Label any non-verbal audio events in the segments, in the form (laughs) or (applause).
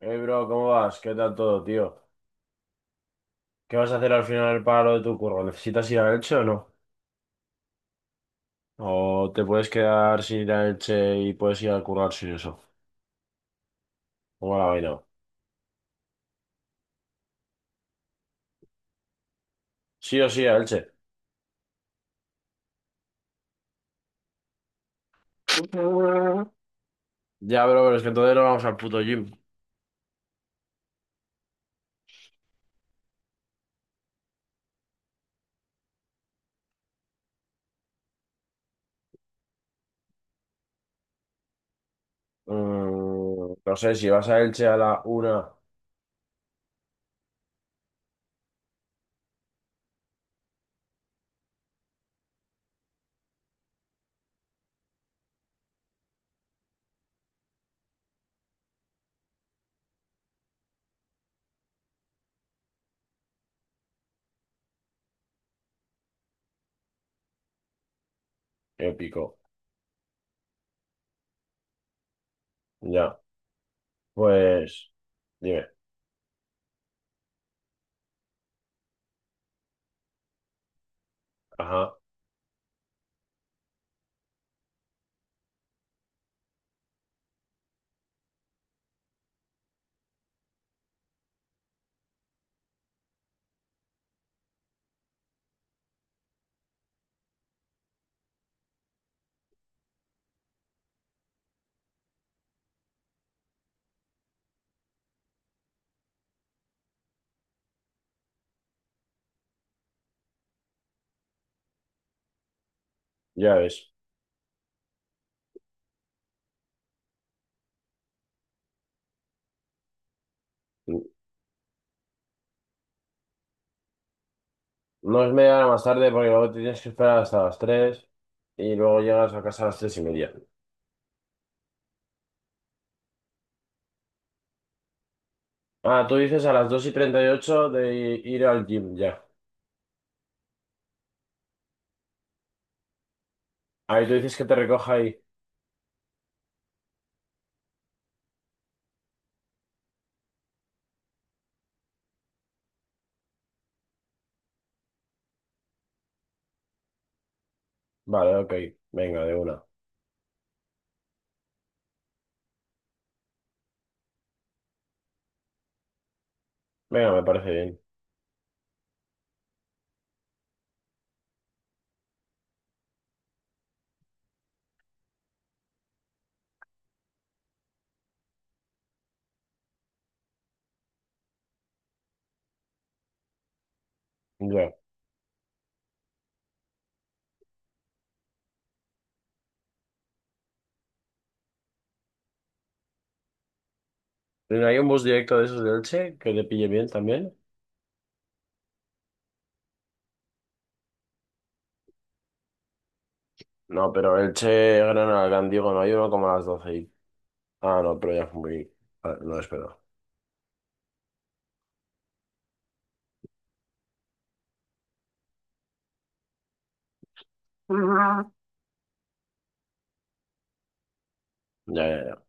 Hey bro, ¿cómo vas? ¿Qué tal todo, tío? ¿Qué vas a hacer al final para lo de tu curro? ¿Necesitas ir a Elche o no? ¿O te puedes quedar sin ir a Elche y puedes ir a currar sin eso? ¿Cómo la vaina? Sí o sí a Elche. Ya, bro, pero es que entonces no vamos al puto gym. No sé, si vas a Elche a la 1, épico. Ya, pues... Dime. Ajá, ya ves. No es media hora más tarde porque luego te tienes que esperar hasta las 3 y luego llegas a casa a las 3 y media. Ah, tú dices a las 2:38 de ir al gym, ya. Ahí tú dices que te recoja ahí. Vale, ok. Venga, de una. Venga, me parece bien. Ya. ¿No hay un bus directo de esos de Elche que te pille bien también? No, pero Elche, Granada, Gandigo, no hay uno como a las 12 y... Ah, no, pero ya fue muy... Ah, no, espero. Ya, ya, ya.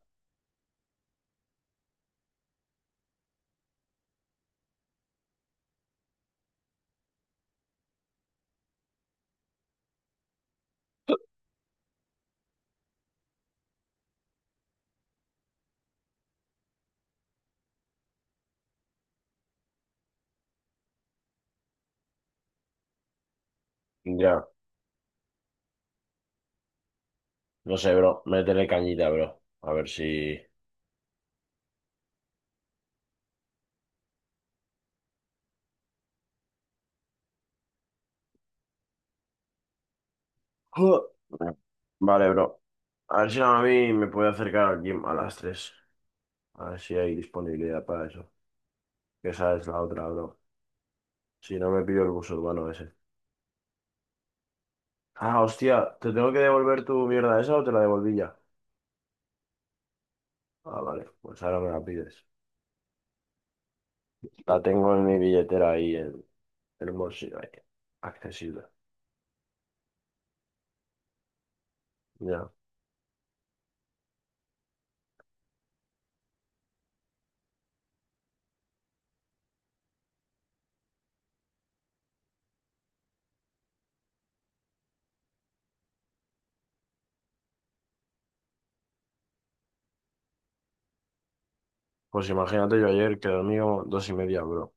Ya. No sé, bro. Métele cañita, bro. A ver si... (clears throat) (laughs) Vale, bro. A ver si a mí me puede acercar al gym a las 3. A ver si hay disponibilidad para eso. Esa es la otra, bro. Si no me pido el bus urbano ese. Ah, hostia, ¿te tengo que devolver tu mierda esa o te la devolví ya? Ah, vale, pues ahora me la pides. La tengo en mi billetera ahí, en un bolsillo ahí, accesible. Ya. Pues imagínate, yo ayer que dormí como dos y media, bro.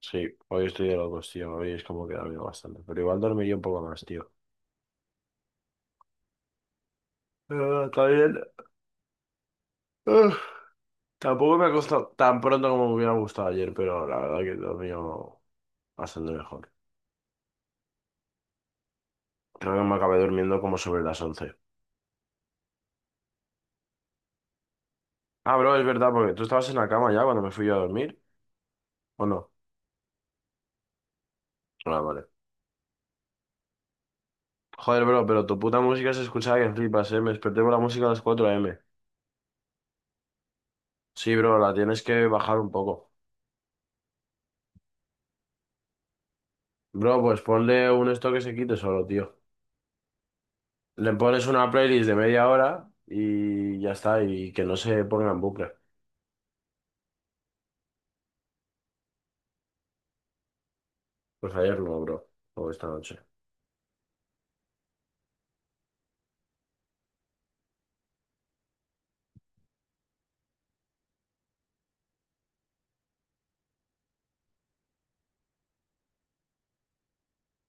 Sí, hoy estoy de locos, tío. Hoy es como que he dormido bastante. Pero igual dormiría un poco más, tío. Pero está bien. Uf, tampoco me ha costado tan pronto como me hubiera gustado ayer, pero la verdad que he dormido bastante mejor. Creo que me acabé durmiendo como sobre las 11. Ah, bro, es verdad, porque tú estabas en la cama ya cuando me fui yo a dormir, ¿o no? Ah, vale. Joder, bro, pero tu puta música se escuchaba que flipas, ¿eh? Me desperté por la música a las 4 m. Sí, bro, la tienes que bajar un poco. Bro, pues ponle un esto que se quite solo, tío. Le pones una playlist de media hora y ya está, y que no se ponga en bucle. Pues ayer no, bro, o esta noche.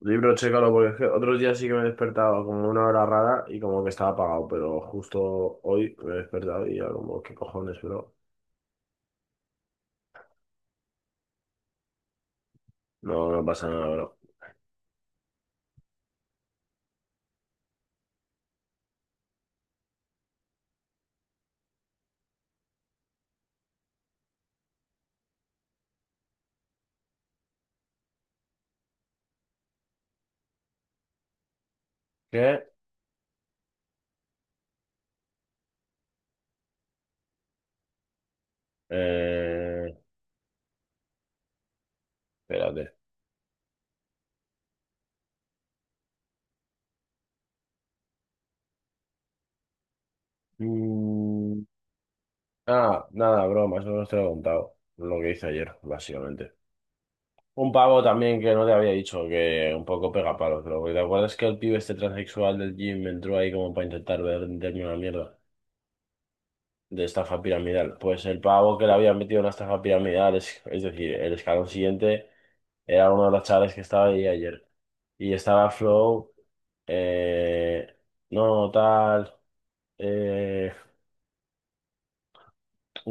Libro, chécalo, porque es que otros días sí que me he despertado como una hora rara y como que estaba apagado, pero justo hoy me he despertado y ya como, ¿qué cojones, bro? No, no pasa nada, bro. ¿Qué? Eh, Espérate. Mm, Nada, bro, más o menos te lo he contado. Lo que hice ayer, básicamente. Un pavo también que no te había dicho, que un poco pega palos, bro. Porque ¿te acuerdas que el pibe este transexual del gym entró ahí como para intentar venderme una mierda de estafa piramidal? Pues el pavo que le había metido una estafa piramidal, es decir, el escalón siguiente, era uno de los chavales que estaba ahí ayer. Y estaba Flow, eh, no, tal. eh,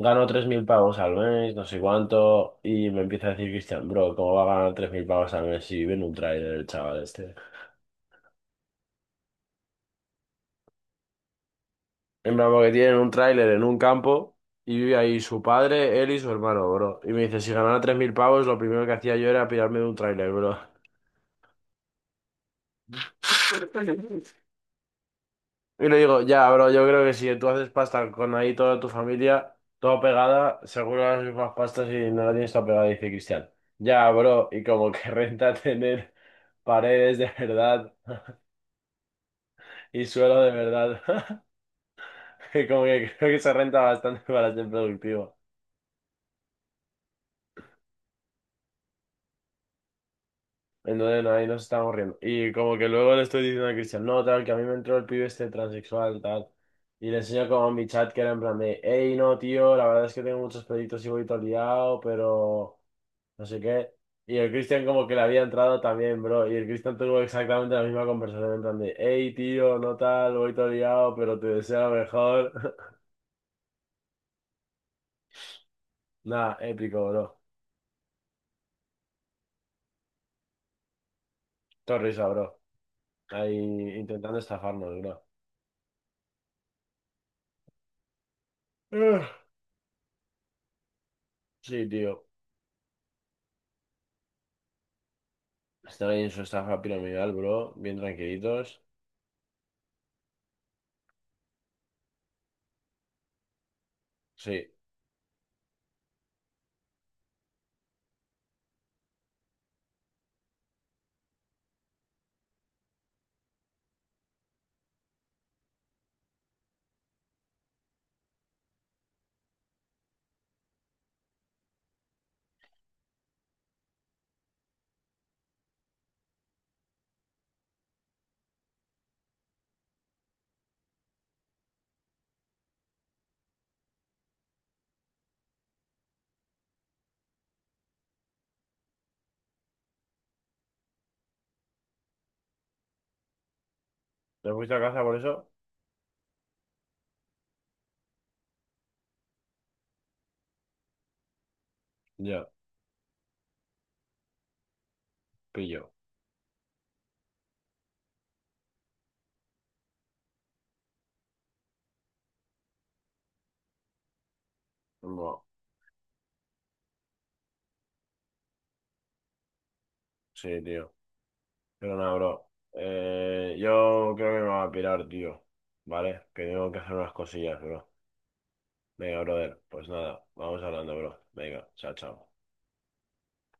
Gano 3.000 pavos al mes, no sé cuánto, y me empieza a decir Cristian, bro, ¿cómo va a ganar 3.000 pavos al mes si vive en un tráiler el chaval este? En plan, porque tienen un tráiler en un campo y vive ahí su padre, él y su hermano, bro. Y me dice, si ganara 3.000 pavos, lo primero que hacía yo era pirarme de un tráiler, bro. (laughs) Y le digo, ya, bro, yo creo que si tú haces pasta con ahí toda tu familia, toda pegada, seguro las mismas pastas y no la tienes toda pegada, dice Cristian. Ya, bro, y como que (laughs) renta tener paredes de verdad (laughs) y suelo de verdad. (laughs) Y como que creo que se renta bastante para ser productivo. Entonces no, ahí nos estamos riendo. Y como que luego le estoy diciendo a Cristian, no, tal, que a mí me entró el pibe este transexual, tal. Y le enseño como en mi chat que era en plan de, hey, no, tío, la verdad es que tengo muchos proyectos y voy todo liado, pero... no sé qué. Y el Cristian como que le había entrado también, bro. Y el Cristian tuvo exactamente la misma conversación en plan de, hey, tío, no tal, voy todo liado, pero te deseo lo mejor. (laughs) Nada, épico, bro. Todo risa, bro. Ahí intentando estafarnos, bro. Ugh. Sí, tío. Están ahí en su estafa piramidal, bro. Bien tranquilitos. Sí. ¿Te fuiste a casa por eso? Ya, pillo. No. Sí, tío. Pero nada, bro. Yo creo que me voy a pirar, tío. ¿Vale? Que tengo que hacer unas cosillas, bro. Venga, brother. Pues nada, vamos hablando, bro. Venga, chao, chao.